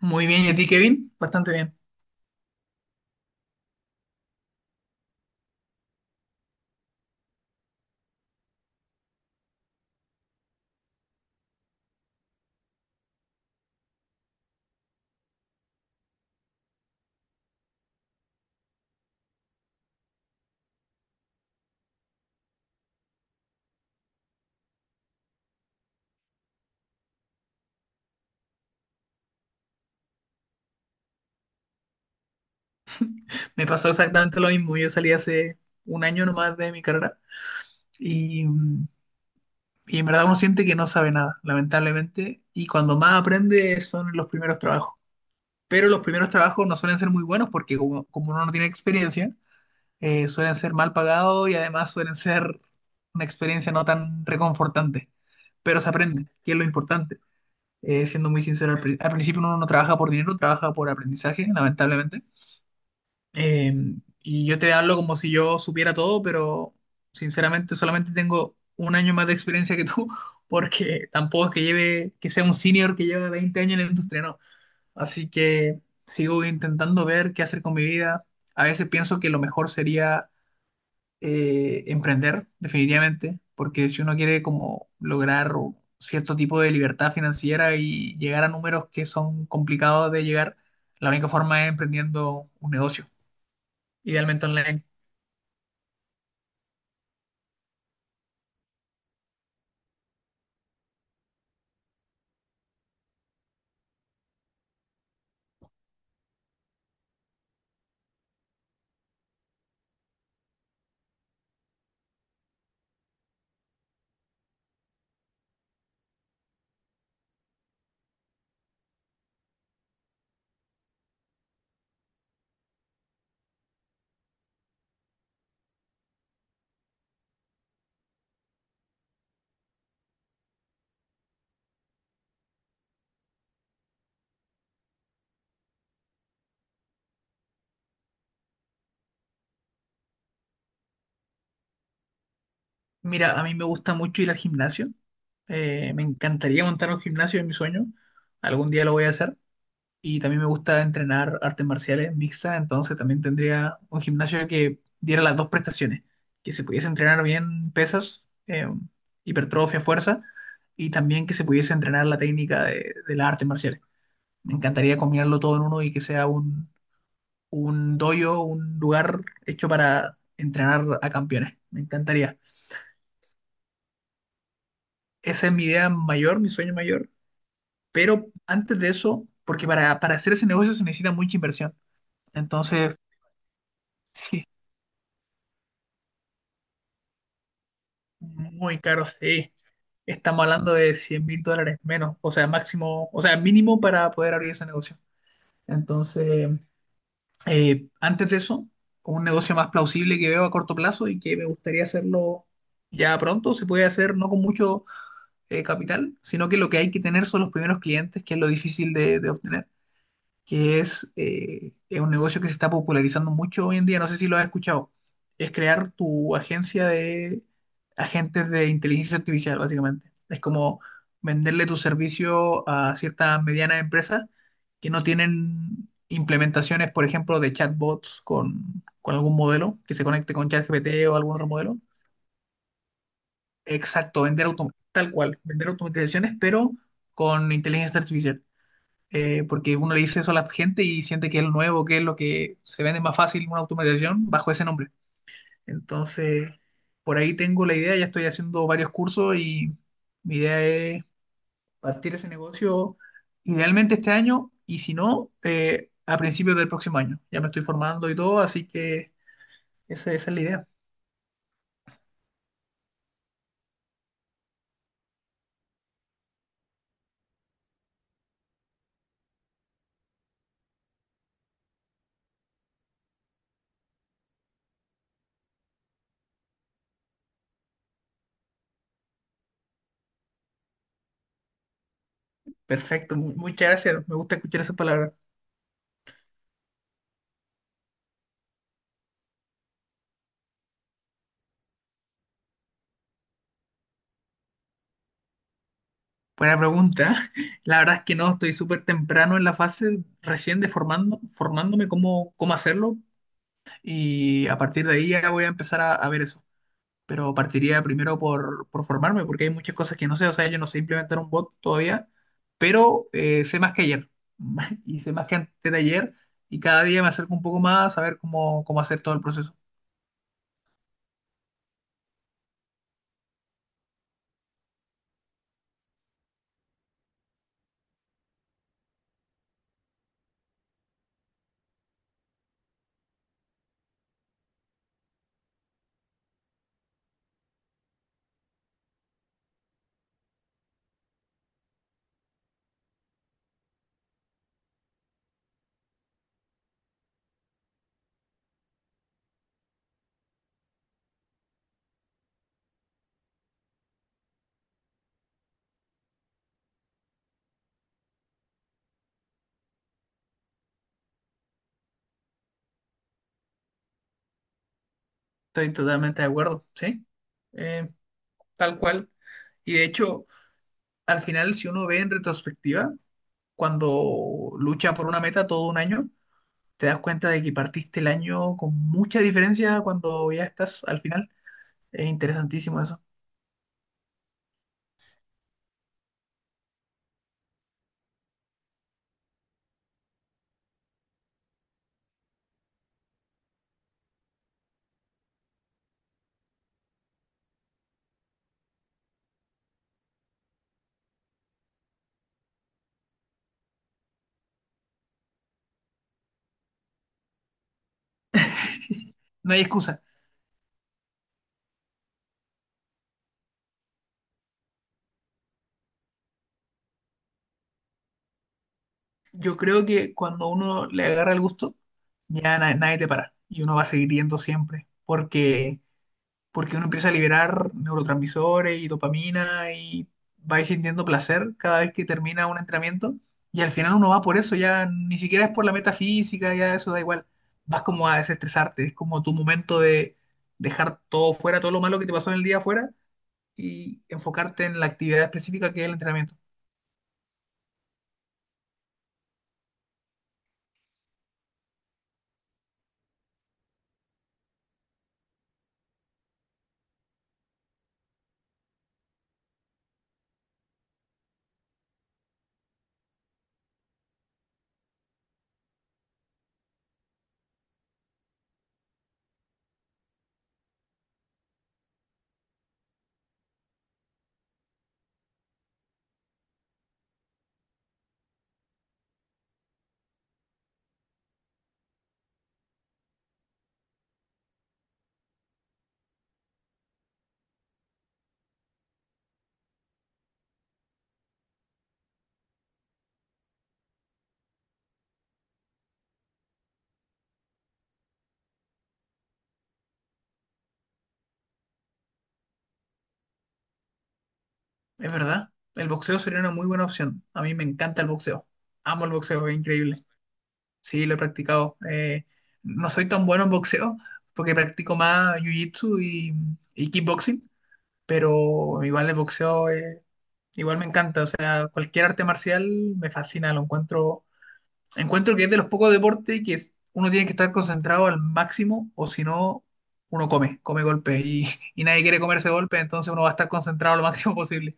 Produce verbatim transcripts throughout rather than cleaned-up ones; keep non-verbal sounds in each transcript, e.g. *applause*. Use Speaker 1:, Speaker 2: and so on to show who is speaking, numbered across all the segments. Speaker 1: Muy bien, ¿y a ti, Kevin? Bastante bien. Me pasó exactamente lo mismo. Yo salí hace un año nomás de mi carrera y, mm, y en verdad uno siente que no sabe nada, lamentablemente. Y cuando más aprende son los primeros trabajos. Pero los primeros trabajos no suelen ser muy buenos porque como, como uno no tiene experiencia, eh, suelen ser mal pagados y además suelen ser una experiencia no tan reconfortante. Pero se aprende, que es lo importante. Eh, siendo muy sincero, al, pri- al principio uno no trabaja por dinero, trabaja por aprendizaje, lamentablemente. Eh, y yo te hablo como si yo supiera todo, pero sinceramente solamente tengo un año más de experiencia que tú, *laughs* porque tampoco es que lleve, que sea un senior que lleva veinte años en la industria, no. Así que sigo intentando ver qué hacer con mi vida. A veces pienso que lo mejor sería eh, emprender, definitivamente, porque si uno quiere como lograr cierto tipo de libertad financiera y llegar a números que son complicados de llegar, la única forma es emprendiendo un negocio, idealmente online. Mira, a mí me gusta mucho ir al gimnasio. Eh, me encantaría montar un gimnasio en mi sueño. Algún día lo voy a hacer. Y también me gusta entrenar artes marciales mixtas, entonces también tendría un gimnasio que diera las dos prestaciones, que se pudiese entrenar bien pesas, eh, hipertrofia, fuerza, y también que se pudiese entrenar la técnica de, de las artes marciales. Me encantaría combinarlo todo en uno y que sea un, un dojo, un lugar hecho para entrenar a campeones. Me encantaría. Esa es mi idea mayor, mi sueño mayor. Pero antes de eso, porque para, para hacer ese negocio se necesita mucha inversión. Entonces, sí, muy caro, sí. Estamos hablando de cien mil dólares menos, o sea, máximo, o sea, mínimo para poder abrir ese negocio. Entonces, eh, antes de eso, un negocio más plausible que veo a corto plazo y que me gustaría hacerlo ya pronto, se puede hacer no con mucho eh, capital, sino que lo que hay que tener son los primeros clientes, que es lo difícil de, de obtener. Que es, eh, es un negocio que se está popularizando mucho hoy en día, no sé si lo has escuchado, es crear tu agencia de agentes de inteligencia artificial, básicamente. Es como venderle tu servicio a ciertas medianas empresas que no tienen implementaciones, por ejemplo, de chatbots con, con algún modelo que se conecte con ChatGPT o algún otro modelo. Exacto, vender autom- tal cual, vender automatizaciones, pero con inteligencia artificial, eh, porque uno le dice eso a la gente y siente que es lo nuevo, que es lo que se vende más fácil una automatización bajo ese nombre. Entonces, por ahí tengo la idea, ya estoy haciendo varios cursos y mi idea es partir ese negocio idealmente este año y si no, eh, a principios del próximo año. Ya me estoy formando y todo, así que esa, esa es la idea. Perfecto, mu- muchas gracias, me gusta escuchar esas palabras. Buena pregunta. *laughs* La verdad es que no, estoy súper temprano en la fase, recién de formando, formándome cómo, cómo hacerlo, y a partir de ahí ya voy a empezar a, a ver eso. Pero partiría primero por, por formarme, porque hay muchas cosas que no sé. O sea, yo no sé implementar un bot todavía, pero eh, sé más que ayer. *laughs* Y sé más que antes de ayer. Y cada día me acerco un poco más a ver cómo, cómo hacer todo el proceso. Estoy totalmente de acuerdo, ¿sí? Eh, Tal cual. Y de hecho, al final, si uno ve en retrospectiva, cuando lucha por una meta todo un año, te das cuenta de que partiste el año con mucha diferencia cuando ya estás al final. Es interesantísimo eso. No hay excusa. Yo creo que cuando uno le agarra el gusto, ya na- nadie te para. Y uno va a seguir yendo siempre. Porque, porque uno empieza a liberar neurotransmisores y dopamina y va sintiendo placer cada vez que termina un entrenamiento. Y al final uno va por eso, ya ni siquiera es por la metafísica, ya eso da igual. Vas como a desestresarte, es como tu momento de dejar todo fuera, todo lo malo que te pasó en el día fuera y enfocarte en la actividad específica que es el entrenamiento. Es verdad, el boxeo sería una muy buena opción. A mí me encanta el boxeo. Amo el boxeo, es increíble. Sí, lo he practicado. Eh, no soy tan bueno en boxeo porque practico más jiu-jitsu y, y kickboxing, pero igual el boxeo, eh, igual me encanta. O sea, cualquier arte marcial me fascina, lo encuentro. Encuentro que es de los pocos deportes que es- uno tiene que estar concentrado al máximo o si no, uno come, come golpes y, y nadie quiere comerse golpes, entonces uno va a estar concentrado lo máximo posible.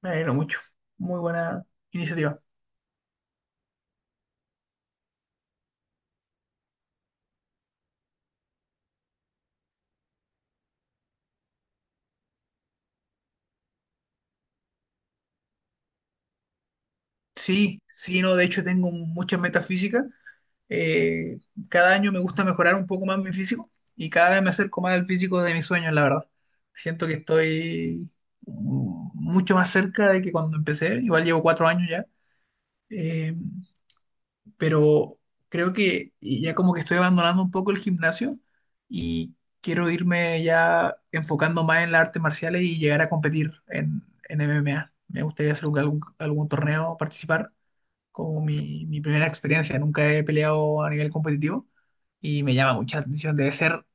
Speaker 1: Bueno, mucho. Muy buena iniciativa. Sí, sí, no, de hecho tengo muchas metas físicas. Eh, Cada año me gusta mejorar un poco más mi físico y cada vez me acerco más al físico de mis sueños, la verdad. Siento que estoy, mm, mucho más cerca de que cuando empecé, igual llevo cuatro años ya. Eh, pero creo que ya como que estoy abandonando un poco el gimnasio y quiero irme ya enfocando más en las artes marciales y llegar a competir en, en M M A. Me gustaría hacer un- algún, algún torneo, participar, como mi, mi primera experiencia. Nunca he peleado a nivel competitivo y me llama mucha atención. Debe ser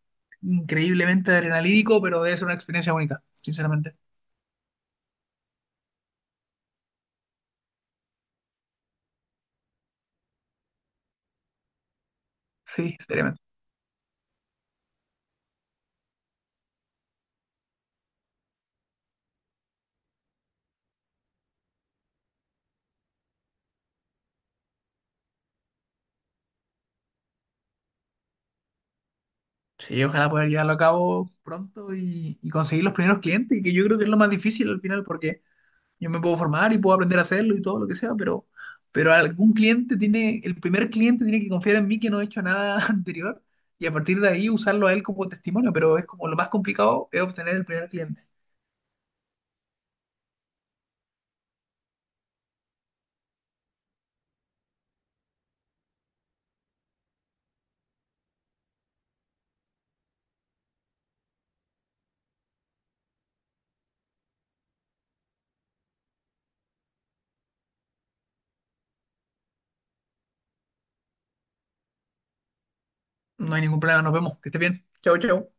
Speaker 1: increíblemente adrenalídico, pero debe ser una experiencia única, sinceramente. Sí, seriamente. Sí, ojalá poder llevarlo a cabo pronto y, y conseguir los primeros clientes, que yo creo que es lo más difícil al final, porque yo me puedo formar y puedo aprender a hacerlo y todo lo que sea, pero, pero algún cliente tiene, el primer cliente tiene que confiar en mí que no he hecho nada *laughs* anterior y a partir de ahí usarlo a él como testimonio, pero es como lo más complicado es obtener el primer cliente. No hay ningún problema, nos vemos, que esté bien. Chao, chao.